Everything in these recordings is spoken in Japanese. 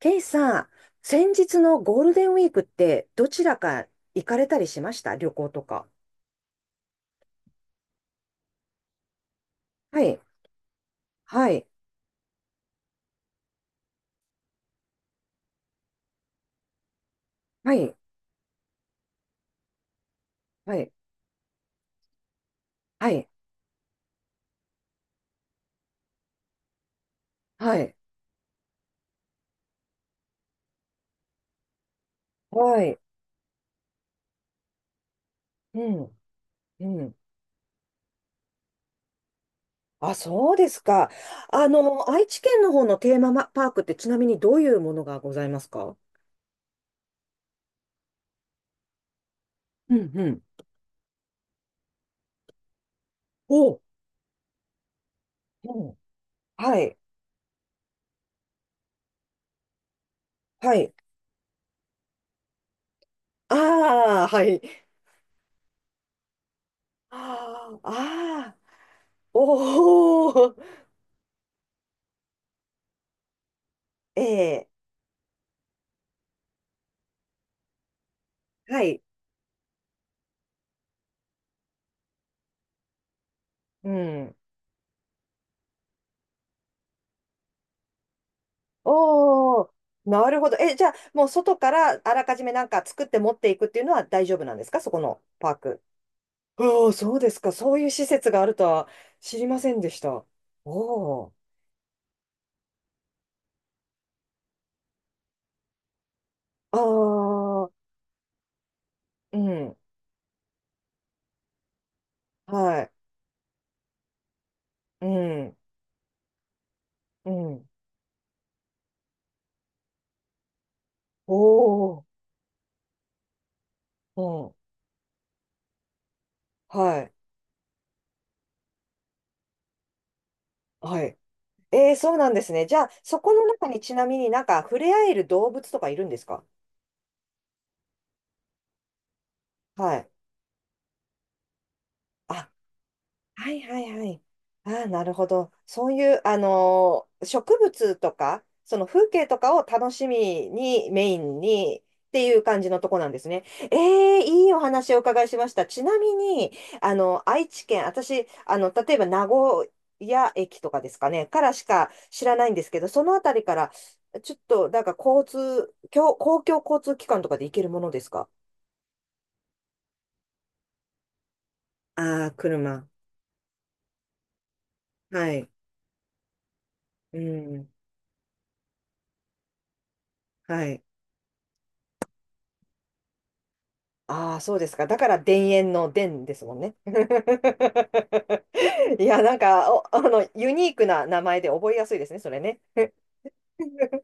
ケイさん、先日のゴールデンウィークってどちらか行かれたりしました、旅行とか？はい、はい、はい、はい、はい、はい、はい、うん、うん。あ、そうですか。あの、愛知県の方のテーマパークってちなみにどういうものがございますか？うんうん。お、うん。はい、はい。ああ、はい。ああ、ああ、おお、ええ、はい、うん。おー、なるほど。え、じゃあ、もう外からあらかじめなんか作って持っていくっていうのは大丈夫なんですか、そこのパーク？おー、そうですか。そういう施設があるとは知りませんでした。おー。あー、うん。はい。うん。うん。おー。うん。はい。はい。えー、そうなんですね。じゃあ、そこの中にちなみになんか触れ合える動物とかいるんですか？はい。あ、はいはいはい。ああ、なるほど。そういう、植物とか、その風景とかを楽しみに、メインにっていう感じのとこなんですね。えいいお話をお伺いしました。ちなみに、愛知県、私、例えば名古屋駅とかですかね、からしか知らないんですけど、そのあたりから、ちょっと、なんか交通、公共交通機関とかで行けるものですか？ああー、車。はい。うん。はい。ああ、そうですか。だから、田園の田ですもんね。いや、なんか、ユニークな名前で覚えやすいですね、それね。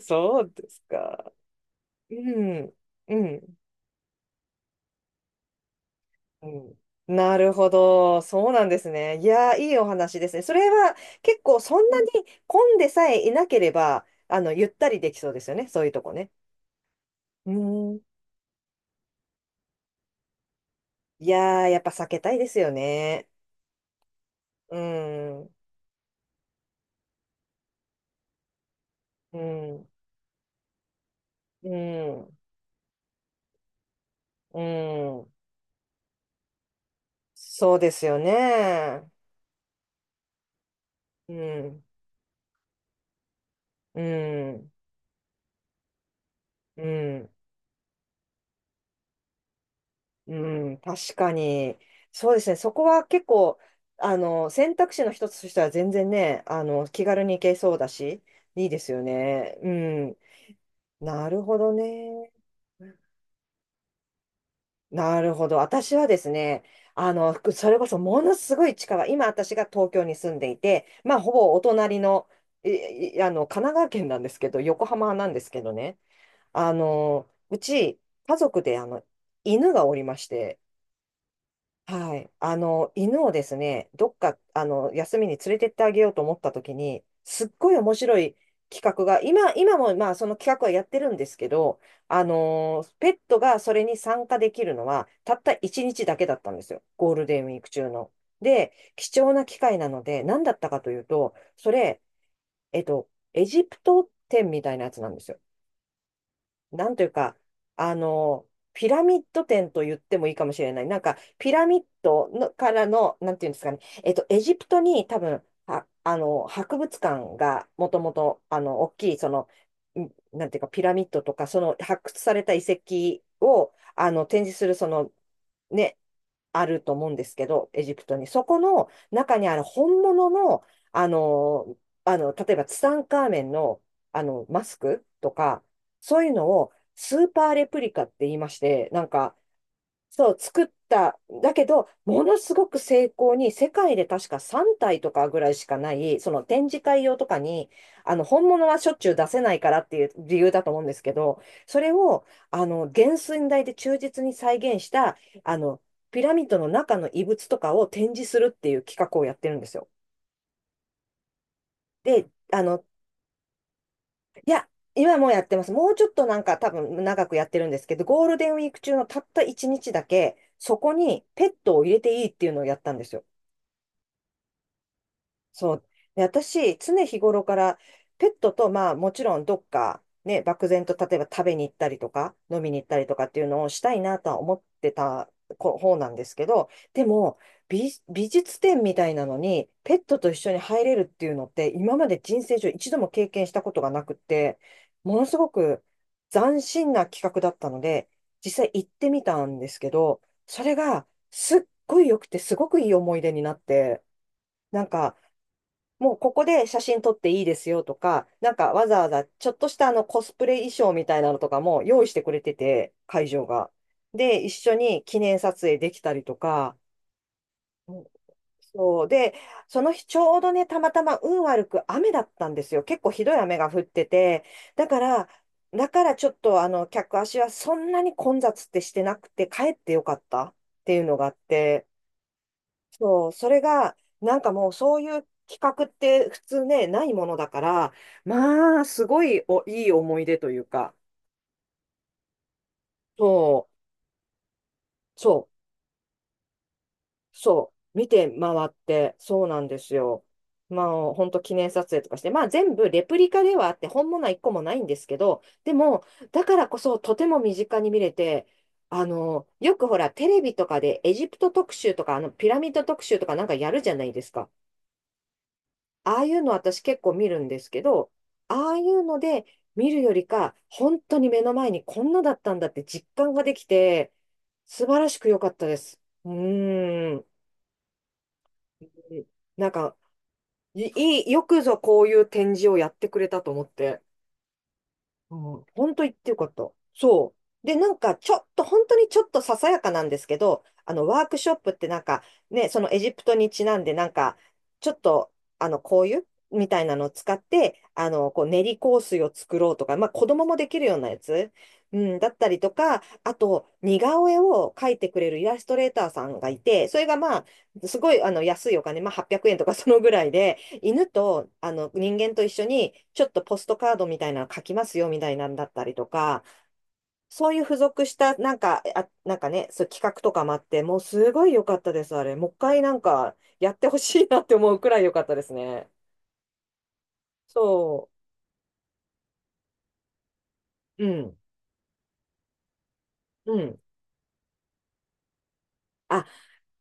そうですか。うん、うん、うん。なるほど。そうなんですね。いやー、いいお話ですね。それは結構、そんなに混んでさえいなければ、ゆったりできそうですよね、そういうとこね。うん。いやー、やっぱ避けたいですよね。うん、うん、うん、うん。そうですよね。うん、うん、うん、うん、確かに。そうですね。そこは結構、選択肢の一つとしては全然ね、気軽に行けそうだし、いいですよね。うん。なるほどね。なるほど。私はですね、それこそものすごい近い、今私が東京に住んでいて、まあ、ほぼお隣の、いいあの、神奈川県なんですけど、横浜なんですけどね、あの、うち、家族で、犬がおりまして、はい。犬をですね、どっか、休みに連れてってあげようと思ったときに、すっごい面白い企画が、今も、まあ、その企画はやってるんですけど、ペットがそれに参加できるのは、たった1日だけだったんですよ、ゴールデンウィーク中の。で、貴重な機会なので、何だったかというと、それ、エジプト展みたいなやつなんですよ。なんというか、あの、ピラミッド展と言ってもいいかもしれない。なんか、ピラミッドのからの、なんていうんですかね、エジプトに多分、は、あの、博物館がもともと、大きい、んなんていうか、ピラミッドとか、その発掘された遺跡を、展示する、ね、あると思うんですけど、エジプトに。そこの中にある本物の、あの、例えばツタンカーメンの、マスクとか、そういうのをスーパーレプリカって言いまして、なんか、そう、作った。だけど、ものすごく精巧に、世界で確か3体とかぐらいしかない、その展示会用とかに、本物はしょっちゅう出せないからっていう理由だと思うんですけど、それを、原寸大で忠実に再現した、あの、ピラミッドの中の遺物とかを展示するっていう企画をやってるんですよ。で、いや、今もうやってます。もうちょっとなんか多分長くやってるんですけど、ゴールデンウィーク中のたった1日だけ、そこにペットを入れていいっていうのをやったんですよ。そう。で、私、常日頃からペットと、まあ、もちろんどっか、ね、漠然と例えば食べに行ったりとか、飲みに行ったりとかっていうのをしたいなとは思ってた方なんですけど、でも、美術展みたいなのに、ペットと一緒に入れるっていうのって、今まで人生上一度も経験したことがなくって、ものすごく斬新な企画だったので、実際行ってみたんですけど、それがすっごい良くて、すごくいい思い出になって、なんか、もうここで写真撮っていいですよとか、なんかわざわざちょっとしたコスプレ衣装みたいなのとかも用意してくれてて、会場が。で、一緒に記念撮影できたりとか、うん、そう。で、その日ちょうどね、たまたま運悪く雨だったんですよ。結構ひどい雨が降ってて、だから、だからちょっと客足はそんなに混雑ってしてなくて、帰ってよかったっていうのがあって、そう、それが、なんかもうそういう企画って普通ね、ないものだから、まあ、すごいいい思い出というか、そう、そう、そう、見て回って、そうなんですよ。まあ、本当記念撮影とかして、まあ全部レプリカではあって、本物は一個もないんですけど、でも、だからこそとても身近に見れて、よくほら、テレビとかでエジプト特集とか、ピラミッド特集とかなんかやるじゃないですか。ああいうの私結構見るんですけど、ああいうので見るよりか、本当に目の前にこんなだったんだって実感ができて、素晴らしく良かったです。うーん。なんか、いいい、よくぞこういう展示をやってくれたと思って。うん、本当言ってよかった。そう。で、なんか、ちょっと、本当にちょっとささやかなんですけど、ワークショップってなんか、ね、そのエジプトにちなんで、なんか、ちょっと、こういうみたいなのを使って、こう、練り香水を作ろうとか、まあ、子供もできるようなやつ、うん、だったりとか、あと、似顔絵を描いてくれるイラストレーターさんがいて、それがまあ、すごい、安いお金、まあ、800円とかそのぐらいで、犬とあの人間と一緒にちょっとポストカードみたいなの書きますよみたいなんだったりとか、そういう付属したなんか、あ、なんかね、そう企画とかもあって、もうすごい良かったです、あれ。もう一回なんかやってほしいなって思うくらい良かったですね。そう。うん。うん。あ、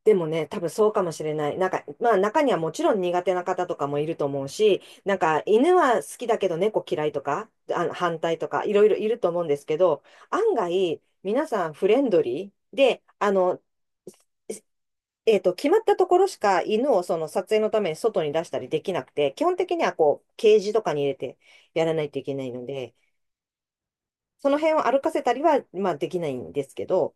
でもね、多分そうかもしれない。なんか、まあ中にはもちろん苦手な方とかもいると思うし、なんか犬は好きだけど猫嫌いとか、あの反対とか、いろいろいると思うんですけど、案外、皆さんフレンドリーで、決まったところしか犬をその撮影のために外に出したりできなくて、基本的にはこう、ケージとかに入れてやらないといけないので、その辺を歩かせたりは、まあできないんですけど、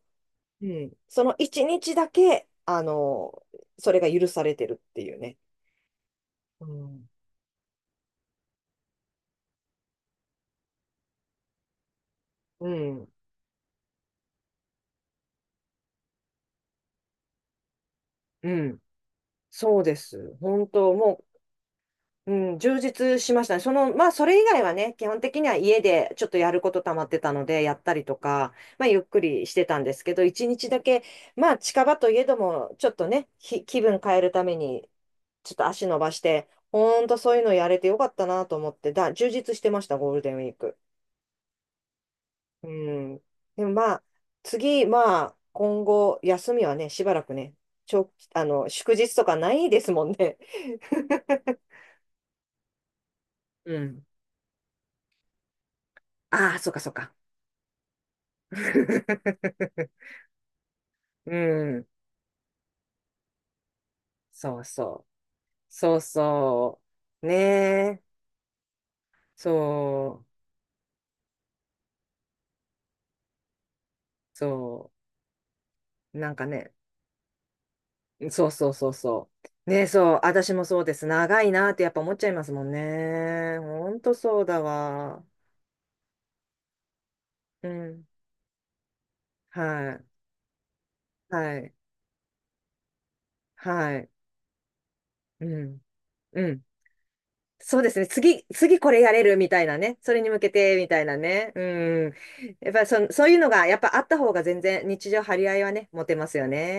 うん、その一日だけ、それが許されてるっていうね。うん、うん、うん、そうです。本当、もう、うん、充実しましたね。まあ、それ以外はね、基本的には家でちょっとやること溜まってたので、やったりとか、まあ、ゆっくりしてたんですけど、一日だけ、まあ、近場といえども、ちょっとね、気分変えるために、ちょっと足伸ばして、ほんとそういうのやれてよかったなと思って、充実してました、ゴールデンウィーク。うん。でもまあ、次、まあ、今後、休みはね、しばらくね、ちょあの、祝日とかないですもんね。うん。ああ、そうか、そうか。うん。そうそう。そうそう。ねえ。そう。そう。なんかね。そうそうそうそう。ねえ、そう。私もそうです。長いなってやっぱ思っちゃいますもんね。ほんとそうだわ。うん。はい。はい。はい。うん。うん。そうですね。次これやれるみたいなね。それに向けてみたいなね。うん。やっぱりそういうのが、やっぱあった方が全然日常張り合いはね、持てますよね。